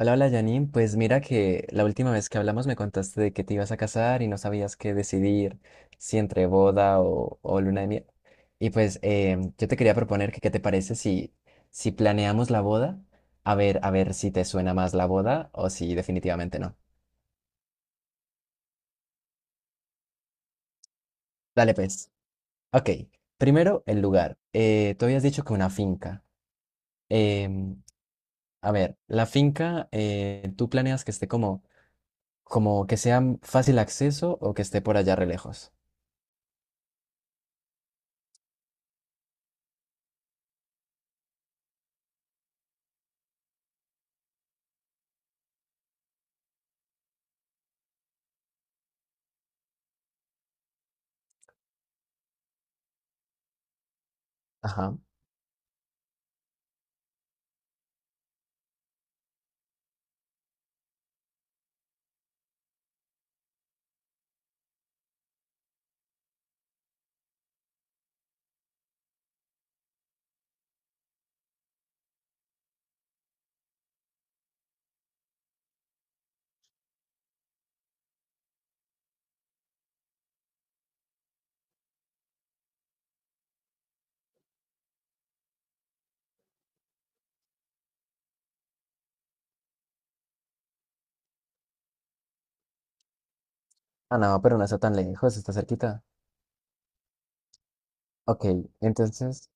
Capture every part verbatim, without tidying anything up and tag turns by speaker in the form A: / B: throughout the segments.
A: Hola, hola Janine, pues mira que la última vez que hablamos me contaste de que te ibas a casar y no sabías qué decidir, si entre boda o, o luna de miel. Y pues em, yo te quería proponer que qué te parece si, si planeamos la boda. A ver, a ver si te suena más la boda o si definitivamente no. Dale pues. Ok, primero el lugar. Eh, tú habías dicho que una finca. Em, a ver, la finca, eh, ¿tú planeas que esté como, como que sea fácil acceso o que esté por allá re lejos? Ajá. Ah, no, pero no está tan lejos, está cerquita. Ok, entonces,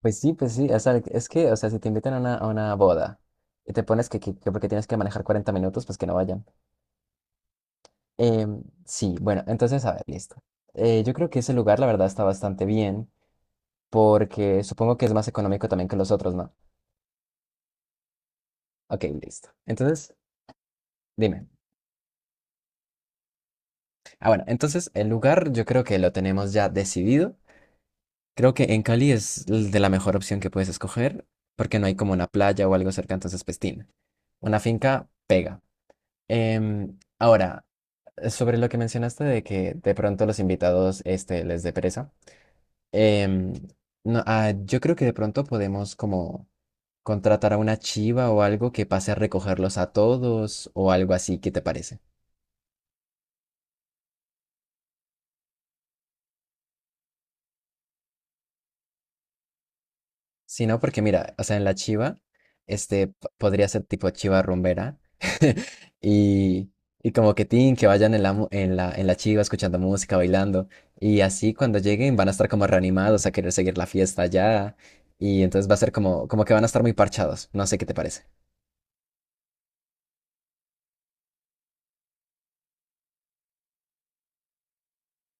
A: pues sí, pues sí, o sea, es que, o sea, si te invitan a una, a una boda y te pones que, que, que porque tienes que manejar cuarenta minutos, pues que no vayan. Em, sí, bueno, entonces, a ver, listo. Eh, yo creo que ese lugar, la verdad, está bastante bien, porque supongo que es más económico también que los otros, ¿no? Ok, listo. Entonces, dime. Ah, bueno, entonces el lugar yo creo que lo tenemos ya decidido. Creo que en Cali es l- de la mejor opción que puedes escoger porque no hay como una playa o algo cerca, entonces pues tin, una finca pega. Em, ahora, eh, sobre lo que mencionaste de que de pronto los invitados este, les dé pereza, em, no, ah, yo creo que de pronto podemos como contratar a una chiva o algo que pase a recogerlos a todos o algo así, ¿qué te parece? Sí, no, porque mira, o sea, en la chiva, este, p- podría ser tipo chiva rumbera. Y, y como que tin, que vayan en la, mu- en la, en la chiva escuchando música, bailando. Y así cuando lleguen van a estar como reanimados a querer seguir la fiesta allá. Y entonces va a ser como, como que van a estar muy parchados. No sé qué te parece.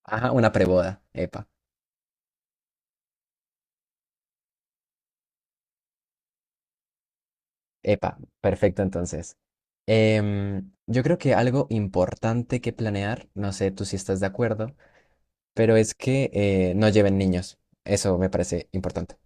A: Ajá, una preboda. Epa, epa, perfecto entonces. Em, yo creo que algo importante que planear, no sé tú si estás de acuerdo, pero es que eh, no lleven niños. Eso me parece importante.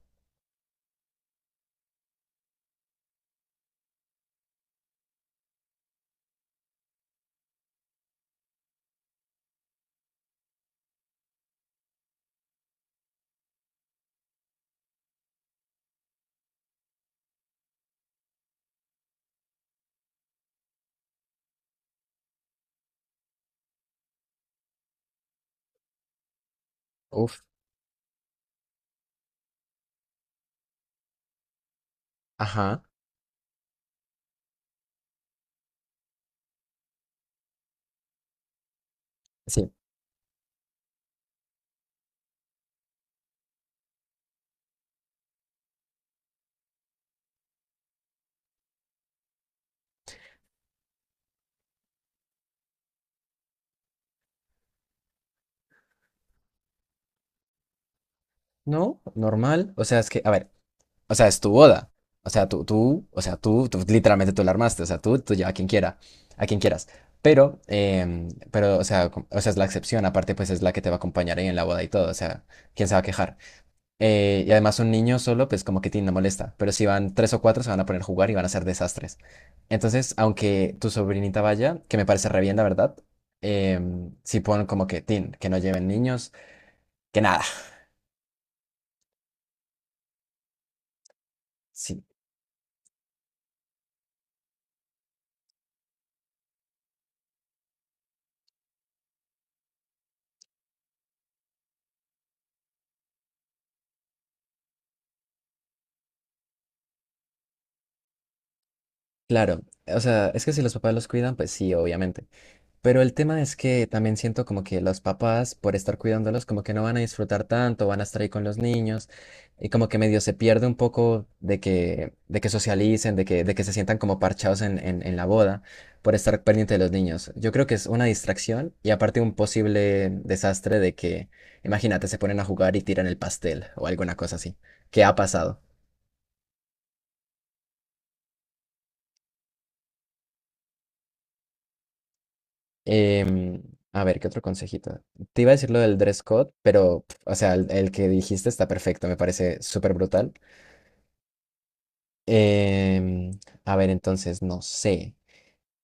A: Uf, ajá. Sí. No, normal. O sea, es que, a ver, o sea, es tu boda. O sea, tú, tú, o sea, tú, tú literalmente tú la armaste. O sea, tú, tú lleva a quien quiera, a quien quieras. Pero, em, pero, o sea, com- o sea, es la excepción. Aparte, pues es la que te va a acompañar ahí en la boda y todo. O sea, ¿quién se va a quejar? Eh, y además un niño solo, pues como que tin, no molesta. Pero si van tres o cuatro, se van a poner a jugar y van a hacer desastres. Entonces, aunque tu sobrinita vaya, que me parece re bien, la verdad, em, sí pon como que tin, que no lleven niños, que nada. Sí, claro. O sea, es que si los papás los cuidan, pues sí, obviamente. Pero el tema es que también siento como que los papás, por estar cuidándolos, como que no van a disfrutar tanto, van a estar ahí con los niños y como que medio se pierde un poco de que, de que socialicen, de que, de que se sientan como parchados en, en, en la boda por estar pendiente de los niños. Yo creo que es una distracción y aparte un posible desastre de que, imagínate, se ponen a jugar y tiran el pastel o alguna cosa así, ¿qué ha pasado? Em, a ver, ¿qué otro consejito? Te iba a decir lo del dress code, pero, pf, o sea, el, el que dijiste está perfecto, me parece súper brutal. Em, a ver, entonces, no sé.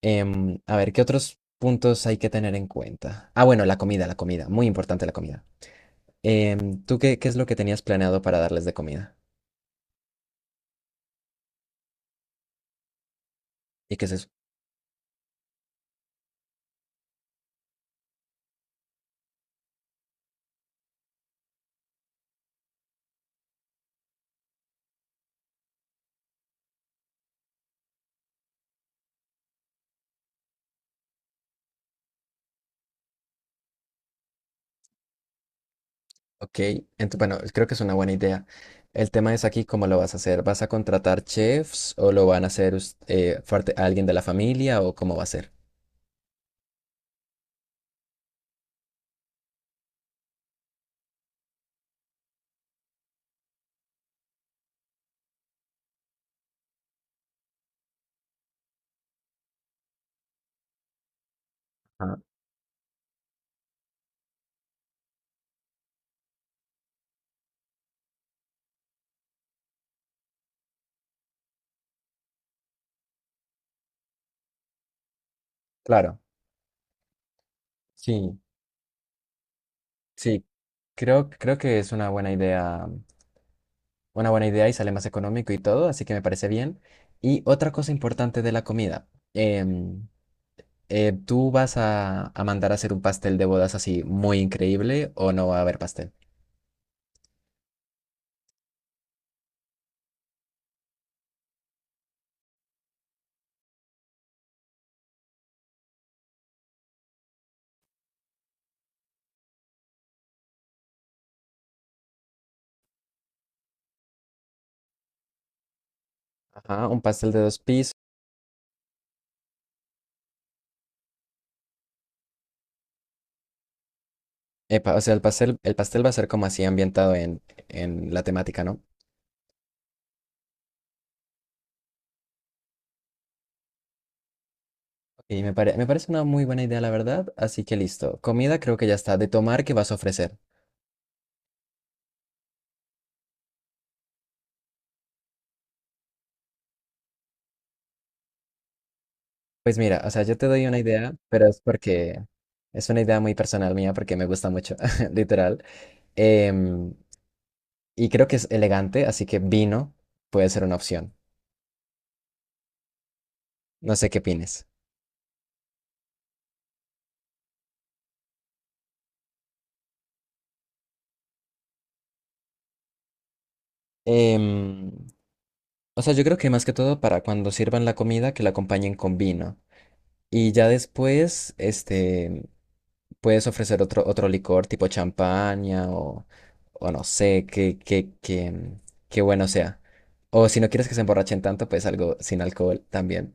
A: Em, a ver, ¿qué otros puntos hay que tener en cuenta? Ah, bueno, la comida, la comida, muy importante la comida. Em, ¿tú qué, qué es lo que tenías planeado para darles de comida? ¿Y qué es eso? Ok, ento- bueno, creo que es una buena idea. El tema es aquí cómo lo vas a hacer. ¿Vas a contratar chefs o lo van a hacer us- eh, parte- alguien de la familia o cómo va a ser? Ajá, claro, sí, sí, creo, creo que es una buena idea, una buena idea, y sale más económico y todo, así que me parece bien. Y otra cosa importante de la comida, em, eh, ¿tú vas a, a mandar a hacer un pastel de bodas así muy increíble o no va a haber pastel? Ajá, un pastel de dos pisos. Epa, o sea, el pastel, el pastel va a ser como así ambientado en, en la temática, ¿no? Y me pare- me parece una muy buena idea, la verdad, así que listo. Comida creo que ya está. De tomar, ¿qué vas a ofrecer? Pues mira, o sea, yo te doy una idea, pero es porque es una idea muy personal mía, porque me gusta mucho, literal. Em, y creo que es elegante, así que vino puede ser una opción. No sé qué opines. Em, o sea, yo creo que más que todo para cuando sirvan la comida, que la acompañen con vino. Y ya después, este, puedes ofrecer otro, otro licor tipo champaña, o, o no sé, qué, qué, qué, qué bueno sea. O si no quieres que se emborrachen tanto, pues algo sin alcohol también.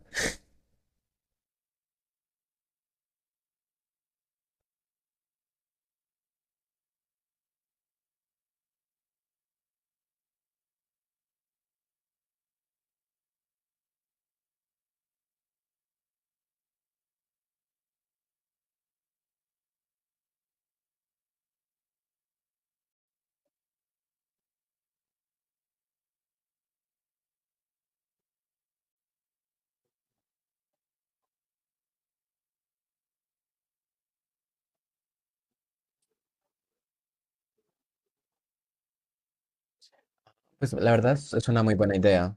A: Pues la verdad es es una muy buena idea.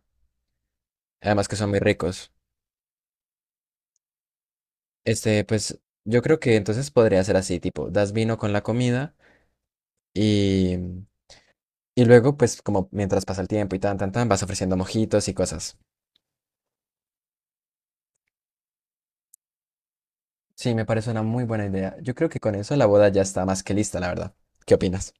A: Además que son muy ricos. Este, pues yo creo que entonces podría ser así, tipo, das vino con la comida y, y luego, pues como mientras pasa el tiempo y tan, tan, tan, vas ofreciendo mojitos y cosas. Sí, me parece una muy buena idea. Yo creo que con eso la boda ya está más que lista, la verdad. ¿Qué opinas?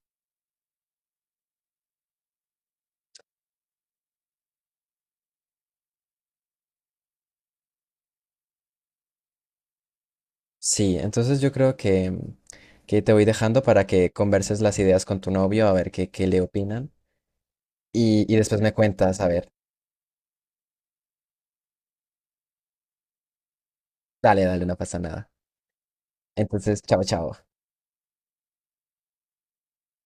A: Sí, entonces yo creo que, que te voy dejando para que converses las ideas con tu novio, a ver qué, qué le opinan. Y, y después me cuentas, a ver. Dale, dale, no pasa nada. Entonces, chao, chao.